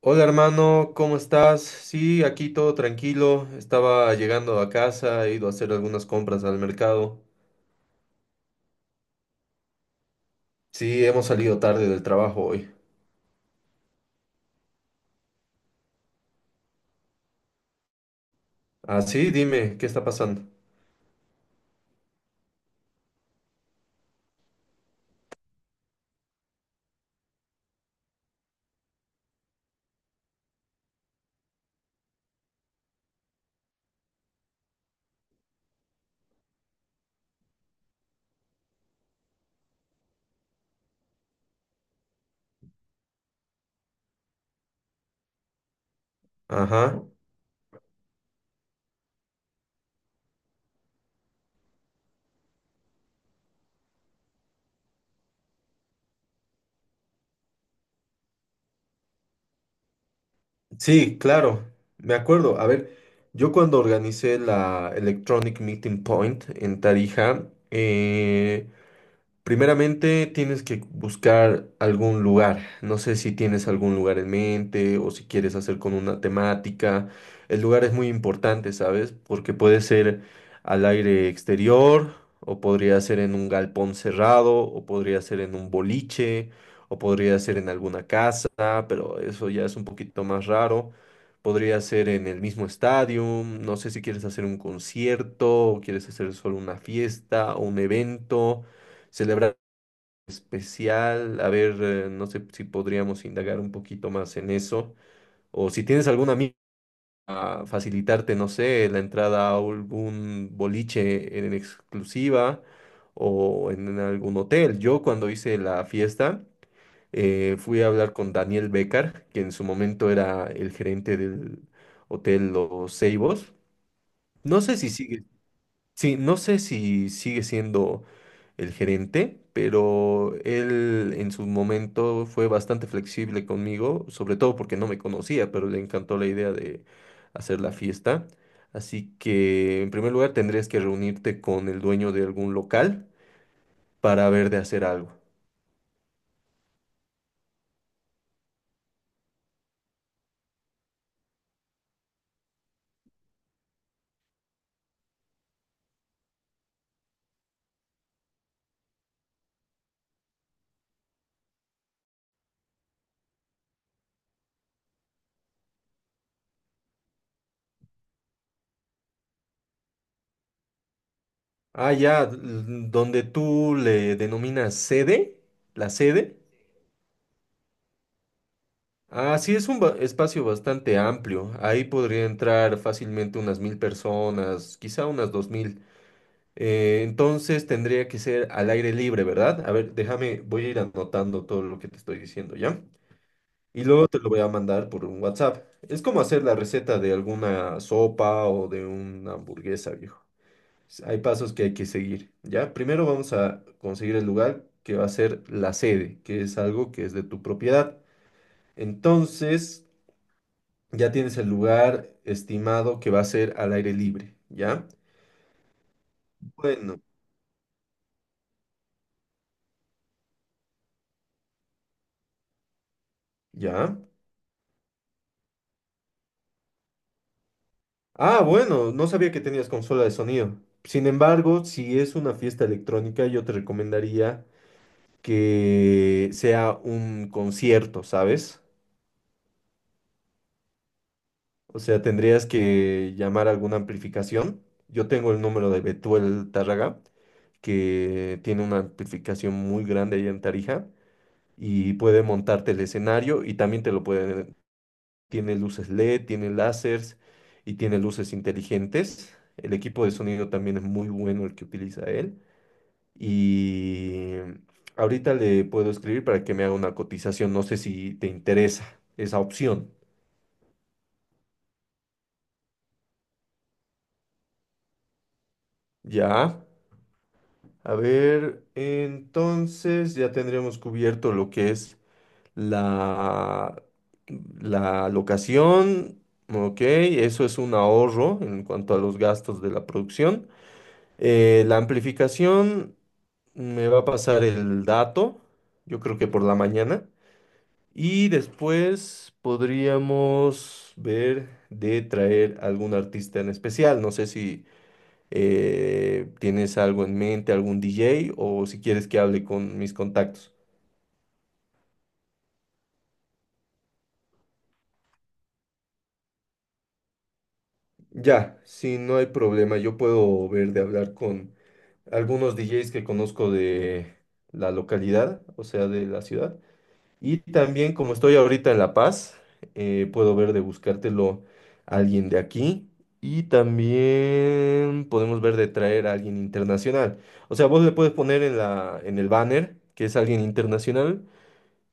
Hola hermano, ¿cómo estás? Sí, aquí todo tranquilo. Estaba llegando a casa, he ido a hacer algunas compras al mercado. Sí, hemos salido tarde del trabajo hoy. Ah, sí, dime, ¿qué está pasando? Ajá. Sí, claro, me acuerdo. A ver, yo cuando organicé la Electronic Meeting Point en Tarija, eh, primeramente tienes que buscar algún lugar. No sé si tienes algún lugar en mente o si quieres hacer con una temática. El lugar es muy importante, ¿sabes? Porque puede ser al aire exterior o podría ser en un galpón cerrado o podría ser en un boliche o podría ser en alguna casa, pero eso ya es un poquito más raro. Podría ser en el mismo estadio. No sé si quieres hacer un concierto o quieres hacer solo una fiesta o un evento. ¿Celebrar especial? A ver, no sé si podríamos indagar un poquito más en eso. O si tienes algún amigo a facilitarte, no sé, la entrada a algún boliche en exclusiva o en algún hotel. Yo cuando hice la fiesta, fui a hablar con Daniel Becar, que en su momento era el gerente del hotel Los Ceibos. No sé si sigue. Sí, no sé si sigue siendo el gerente, pero él en su momento fue bastante flexible conmigo, sobre todo porque no me conocía, pero le encantó la idea de hacer la fiesta. Así que en primer lugar tendrías que reunirte con el dueño de algún local para ver de hacer algo. Ah, ya, donde tú le denominas sede, la sede. Ah, sí, es un espacio bastante amplio. Ahí podría entrar fácilmente unas mil personas, quizá unas dos mil. Entonces tendría que ser al aire libre, ¿verdad? A ver, déjame, voy a ir anotando todo lo que te estoy diciendo, ¿ya? Y luego te lo voy a mandar por un WhatsApp. Es como hacer la receta de alguna sopa o de una hamburguesa, viejo. Hay pasos que hay que seguir, ¿ya? Primero vamos a conseguir el lugar que va a ser la sede, que es algo que es de tu propiedad. Entonces... ya tienes el lugar estimado que va a ser al aire libre, ¿ya? Bueno, ¿ya? Ah, bueno, no sabía que tenías consola de sonido. Sin embargo, si es una fiesta electrónica, yo te recomendaría que sea un concierto, ¿sabes? O sea, tendrías que llamar a alguna amplificación. Yo tengo el número de Betuel Tárraga, que tiene una amplificación muy grande allá en Tarija y puede montarte el escenario y también te lo puede. Tiene luces LED, tiene láseres y tiene luces inteligentes. El equipo de sonido también es muy bueno el que utiliza él. Y ahorita le puedo escribir para que me haga una cotización. No sé si te interesa esa opción. Ya. A ver, entonces ya tendríamos cubierto lo que es la, la locación. Ok, eso es un ahorro en cuanto a los gastos de la producción. La amplificación me va a pasar el dato, yo creo que por la mañana. Y después podríamos ver de traer algún artista en especial. No sé si tienes algo en mente, algún DJ o si quieres que hable con mis contactos. Ya, si no hay problema, yo puedo ver de hablar con algunos DJs que conozco de la localidad, o sea, de la ciudad. Y también como estoy ahorita en La Paz, puedo ver de buscártelo a alguien de aquí. Y también podemos ver de traer a alguien internacional. O sea, vos le puedes poner en en el banner que es alguien internacional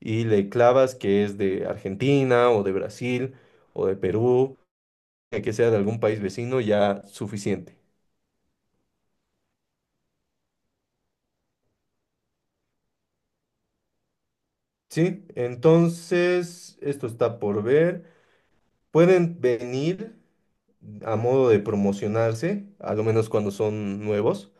y le clavas que es de Argentina o de Brasil o de Perú, que sea de algún país vecino, ya suficiente. Sí, entonces esto está por ver. Pueden venir a modo de promocionarse, a lo menos cuando son nuevos,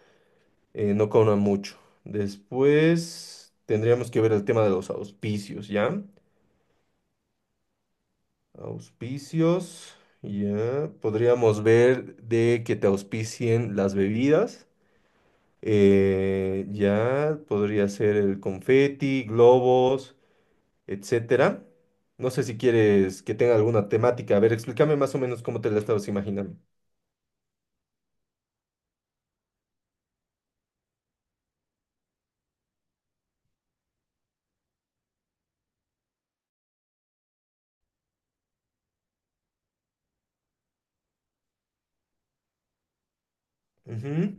no cobran mucho. Después tendríamos que ver el tema de los auspicios, ¿ya? Auspicios, ya. Podríamos ver de que te auspicien las bebidas. Ya podría ser el confeti, globos, etcétera. No sé si quieres que tenga alguna temática. A ver, explícame más o menos cómo te la estabas imaginando. Ujú.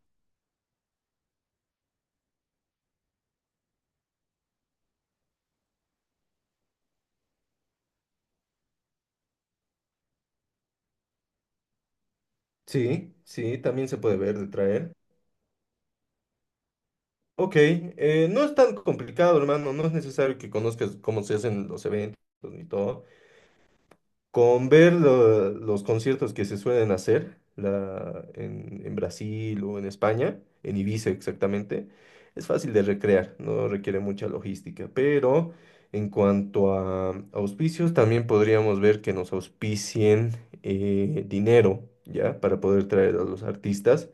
Sí, sí, también se puede ver de traer. Ok, no es tan complicado, hermano, no es necesario que conozcas cómo se hacen los eventos ni todo. Con ver los conciertos que se suelen hacer en Brasil o en España, en Ibiza exactamente, es fácil de recrear, no requiere mucha logística. Pero en cuanto a auspicios, también podríamos ver que nos auspicien dinero, ¿ya? Para poder traer a los artistas.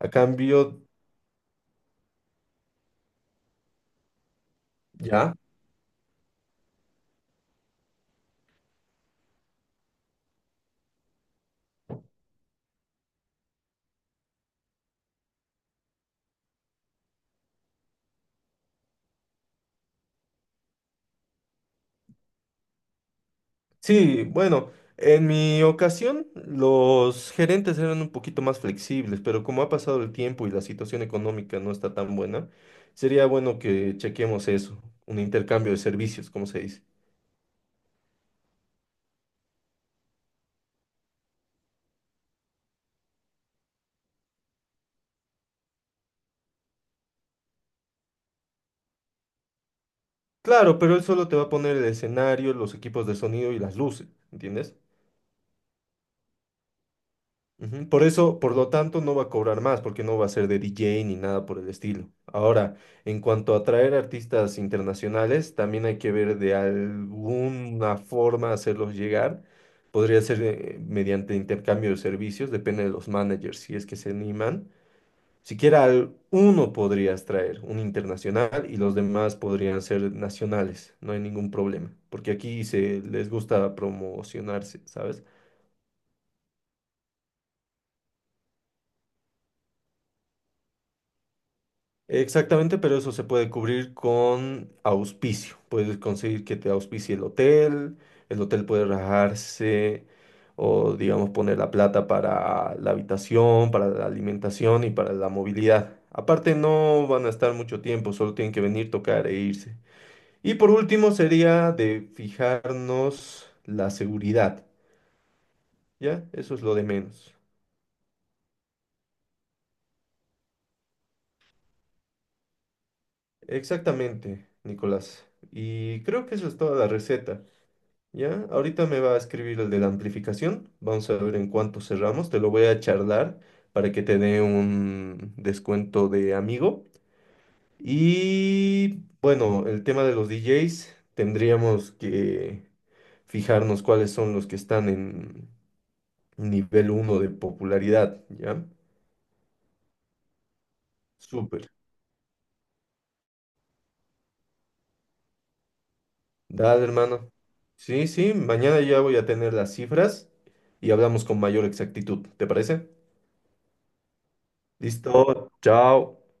A cambio, ya, sí, bueno, en mi ocasión los gerentes eran un poquito más flexibles, pero como ha pasado el tiempo y la situación económica no está tan buena, sería bueno que chequemos eso, un intercambio de servicios, como se dice. Claro, pero él solo te va a poner el escenario, los equipos de sonido y las luces, ¿entiendes? Ujú. Por eso, por lo tanto, no va a cobrar más, porque no va a ser de DJ ni nada por el estilo. Ahora, en cuanto a traer artistas internacionales, también hay que ver de alguna forma hacerlos llegar. Podría ser mediante intercambio de servicios, depende de los managers, si es que se animan. Siquiera uno podrías traer, un internacional, y los demás podrían ser nacionales, no hay ningún problema, porque aquí se les gusta promocionarse, ¿sabes? Exactamente, pero eso se puede cubrir con auspicio. Puedes conseguir que te auspicie el hotel puede rajarse o, digamos, poner la plata para la habitación, para la alimentación y para la movilidad. Aparte, no van a estar mucho tiempo, solo tienen que venir, tocar e irse. Y por último, sería de fijarnos la seguridad, ¿ya? Eso es lo de menos. Exactamente, Nicolás. Y creo que eso es toda la receta. Ya, ahorita me va a escribir el de la amplificación. Vamos a ver en cuánto cerramos. Te lo voy a charlar para que te dé un descuento de amigo. Y bueno, el tema de los DJs, tendríamos que fijarnos cuáles son los que están en nivel uno de popularidad. ¿Ya? Súper. Dale, hermano. Sí, sí, mañana ya voy a tener las cifras y hablamos con mayor exactitud. ¿Te parece? Listo. Chao.